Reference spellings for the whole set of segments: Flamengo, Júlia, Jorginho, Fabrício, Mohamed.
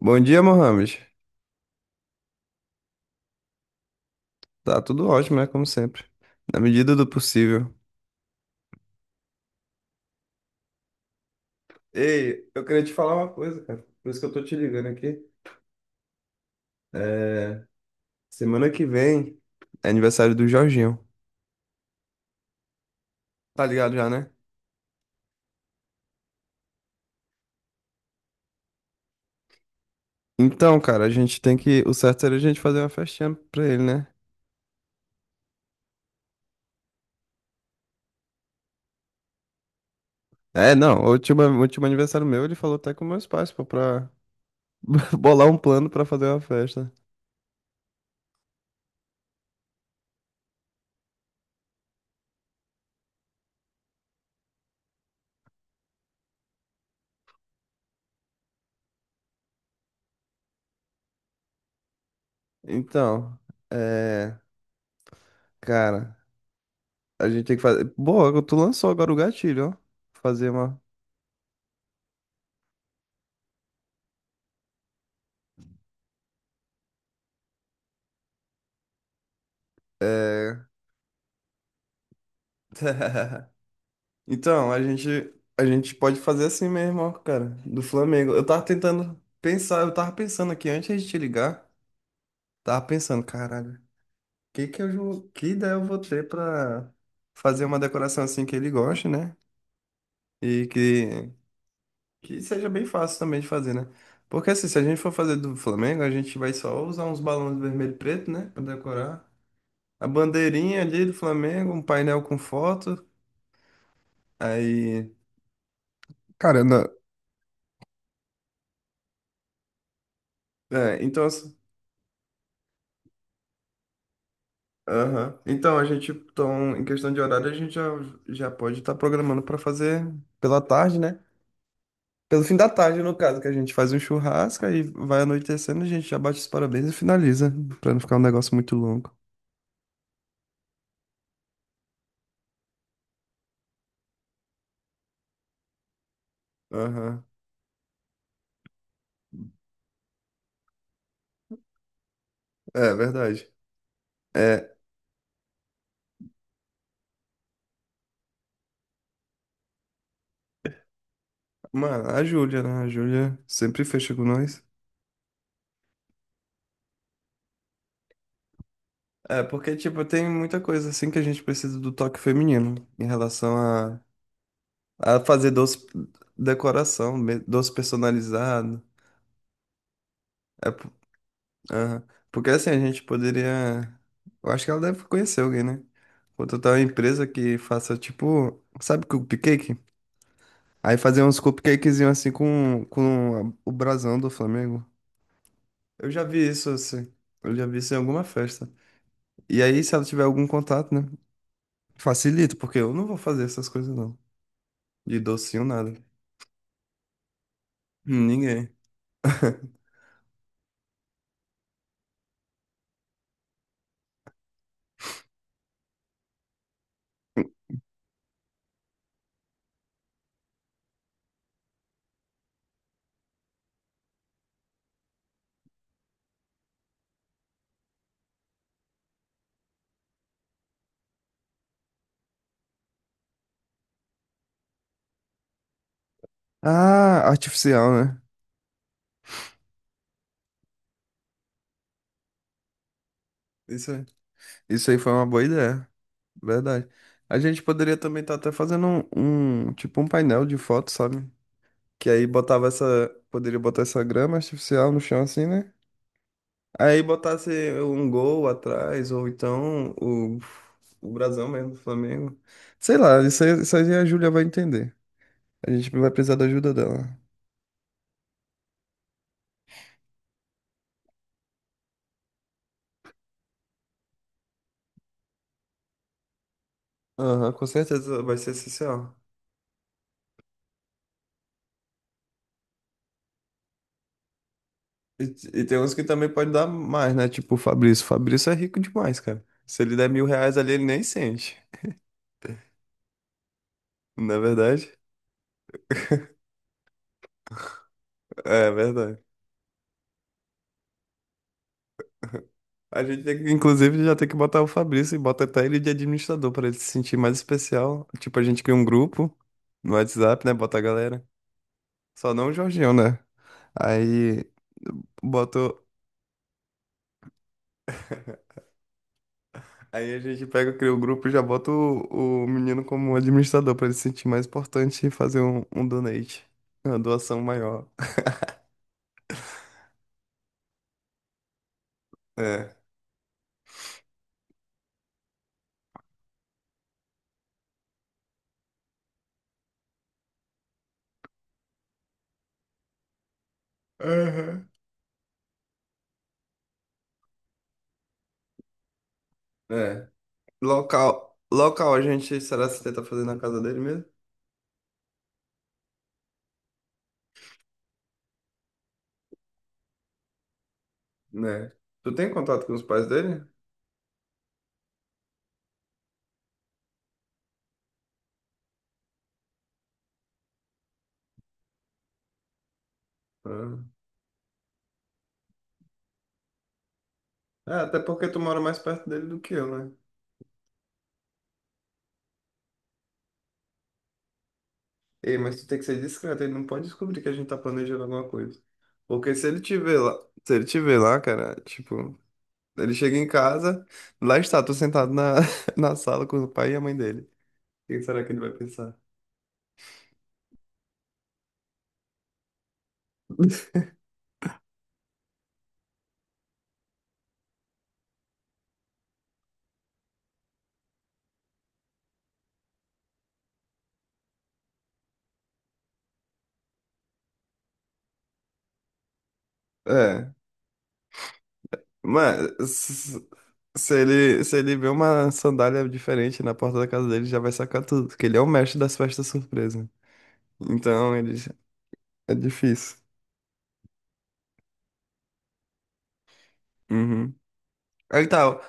Bom dia, Mohamed. Tá tudo ótimo, né? Como sempre. Na medida do possível. Ei, eu queria te falar uma coisa, cara. Por isso que eu tô te ligando aqui. É... Semana que vem é aniversário do Jorginho. Tá ligado já, né? Então, cara, a gente tem que. O certo seria a gente fazer uma festinha pra ele, né? É, não. O último aniversário meu, ele falou até com meus pais, pô, pra bolar um plano pra fazer uma festa. Então, é. Cara, a gente tem que fazer. Boa, tu lançou agora o gatilho, ó. Fazer uma. É. Então, a gente pode fazer assim mesmo, ó, cara, do Flamengo. Eu tava tentando pensar, eu tava pensando aqui antes de te ligar, tava pensando, caralho, que ideia eu vou ter pra fazer uma decoração assim que ele goste, né? E que, que seja bem fácil também de fazer, né? Porque assim, se a gente for fazer do Flamengo, a gente vai só usar uns balões vermelho e preto, né, pra decorar. A bandeirinha ali do Flamengo, um painel com foto, aí... Cara, é, então, assim, aham. Então, a gente, então, em questão de horário, a gente já pode estar programando para fazer pela tarde, né? Pelo fim da tarde, no caso, que a gente faz um churrasco e vai anoitecendo, a gente já bate os parabéns e finaliza, para não ficar um negócio muito longo. Aham. É, verdade. É, mano, a Júlia, né? A Júlia sempre fecha com nós. É, porque, tipo, tem muita coisa assim que a gente precisa do toque feminino a fazer doce, doce personalizado. É, aham. Porque assim, a gente poderia. Eu acho que ela deve conhecer alguém, né? Contratar uma empresa que faça tipo. Sabe cupcake? Aí fazer uns cupcakezinhos assim com o brasão do Flamengo. Eu já vi isso assim. Eu já vi isso em alguma festa. E aí, se ela tiver algum contato, né? Facilita, porque eu não vou fazer essas coisas não. De docinho, nada. Ninguém. Ah, artificial, né? Isso. Isso aí foi uma boa ideia. Verdade. A gente poderia também estar até fazendo tipo um painel de fotos, sabe? Que aí botava essa, poderia botar essa grama artificial no chão assim, né? Aí botasse um gol atrás ou então o brasão mesmo do Flamengo. Sei lá, isso aí a Júlia vai entender. A gente vai precisar da ajuda dela. Aham, com certeza vai ser essencial. E, e tem uns que também pode dar mais, né? Tipo o Fabrício. O Fabrício é rico demais, cara. Se ele der 1.000 reais ali, ele nem sente. Na verdade, é verdade. A gente tem que, inclusive, já tem que botar o Fabrício e bota até ele de administrador para ele se sentir mais especial. Tipo, a gente cria um grupo no WhatsApp, né? Bota a galera. Só não o Jorginho, né? Aí botou. Aí a gente pega, cria o grupo e já bota o menino como administrador para ele se sentir mais importante e fazer um donate. Uma doação maior. É. Aham. É. Local. Local a gente, será que tenta fazer na casa dele mesmo? Né? Tu tem contato com os pais dele? Ah. Ah, até porque tu mora mais perto dele do que eu, né? Ei, mas tu tem que ser discreto, ele não pode descobrir que a gente tá planejando alguma coisa. Porque se ele te ver lá, se ele te ver lá, cara, tipo, ele chega em casa, lá está tu sentado na, na sala com o pai e a mãe dele. O que será que ele vai pensar? É, mas s- se ele vê uma sandália diferente na porta da casa dele, já vai sacar tudo, porque ele é o mestre das festas surpresa. Então, ele é difícil. Uhum. Aí tá,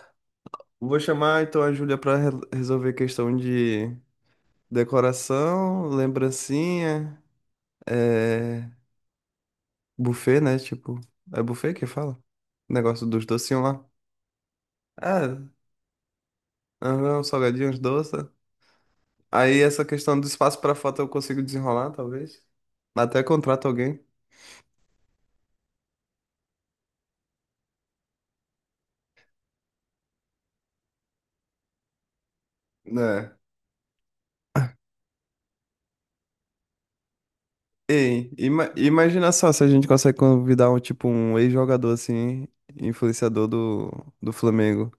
vou chamar então a Júlia pra resolver questão de decoração, lembrancinha, é... buffet, né? Tipo, é buffet que fala? Negócio dos docinhos lá. É, aham, os salgadinhos, doces. Aí essa questão do espaço pra foto eu consigo desenrolar, talvez. Até contrato alguém. Né? E imagina só se a gente consegue convidar um tipo um ex-jogador assim, influenciador do Flamengo.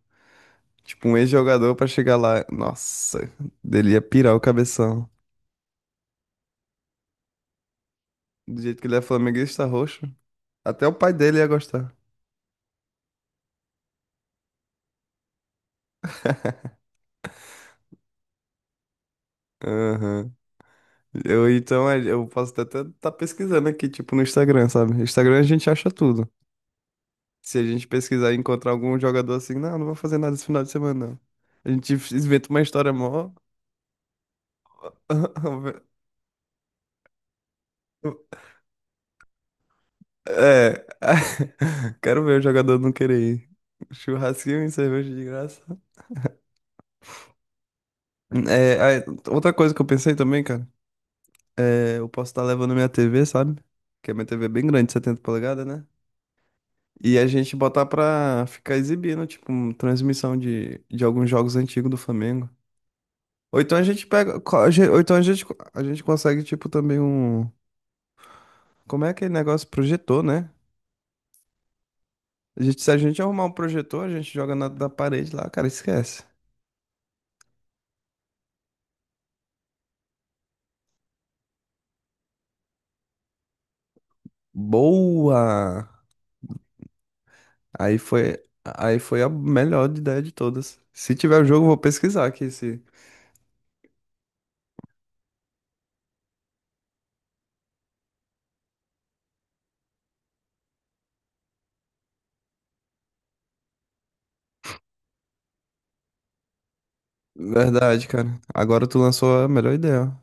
Tipo, um ex-jogador pra chegar lá. Nossa, dele ia pirar o cabeção. Do jeito que ele é flamenguista roxo. Até o pai dele ia gostar. Aham. Eu, então, é, eu posso até estar pesquisando aqui, tipo, no Instagram, sabe? No Instagram a gente acha tudo. Se a gente pesquisar e encontrar algum jogador assim, não, não vou fazer nada esse final de semana, não. A gente inventa uma história mó. É. Quero ver o jogador não querer ir. Churrasquinho e cerveja de graça. É, aí, outra coisa que eu pensei também, cara. É, eu posso estar levando minha TV, sabe? Que a minha TV é bem grande, 70 polegadas, né? E a gente botar pra ficar exibindo, tipo, transmissão de alguns jogos antigos do Flamengo. Ou então a gente consegue, tipo, também um. Como é aquele negócio? Projetor, né? Se a gente arrumar um projetor, a gente joga na, da parede lá, cara, esquece. Boa! Aí foi a melhor ideia de todas. Se tiver o jogo, eu vou pesquisar aqui esse. Verdade, cara. Agora tu lançou a melhor ideia.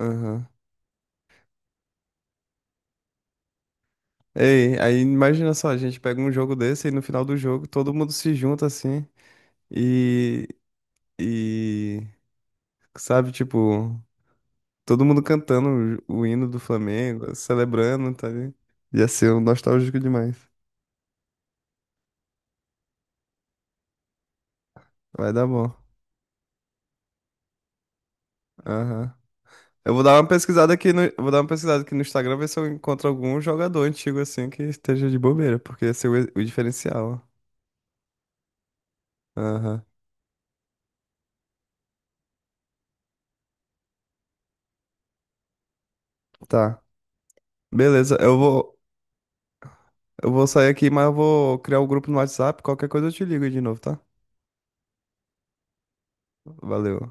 Aham. Ei, aí imagina só, a gente pega um jogo desse e no final do jogo todo mundo se junta assim e, e sabe, tipo, todo mundo cantando o hino do Flamengo, celebrando, tá ligado? Ia ser um nostálgico demais. Vai dar bom. Aham. Eu vou dar uma pesquisada aqui no Instagram ver se eu encontro algum jogador antigo assim que esteja de bobeira, porque ia ser o diferencial. Ó. Aham. Tá. Beleza, eu vou. Eu vou sair aqui, mas eu vou criar o grupo no WhatsApp. Qualquer coisa eu te ligo aí de novo, tá? Valeu.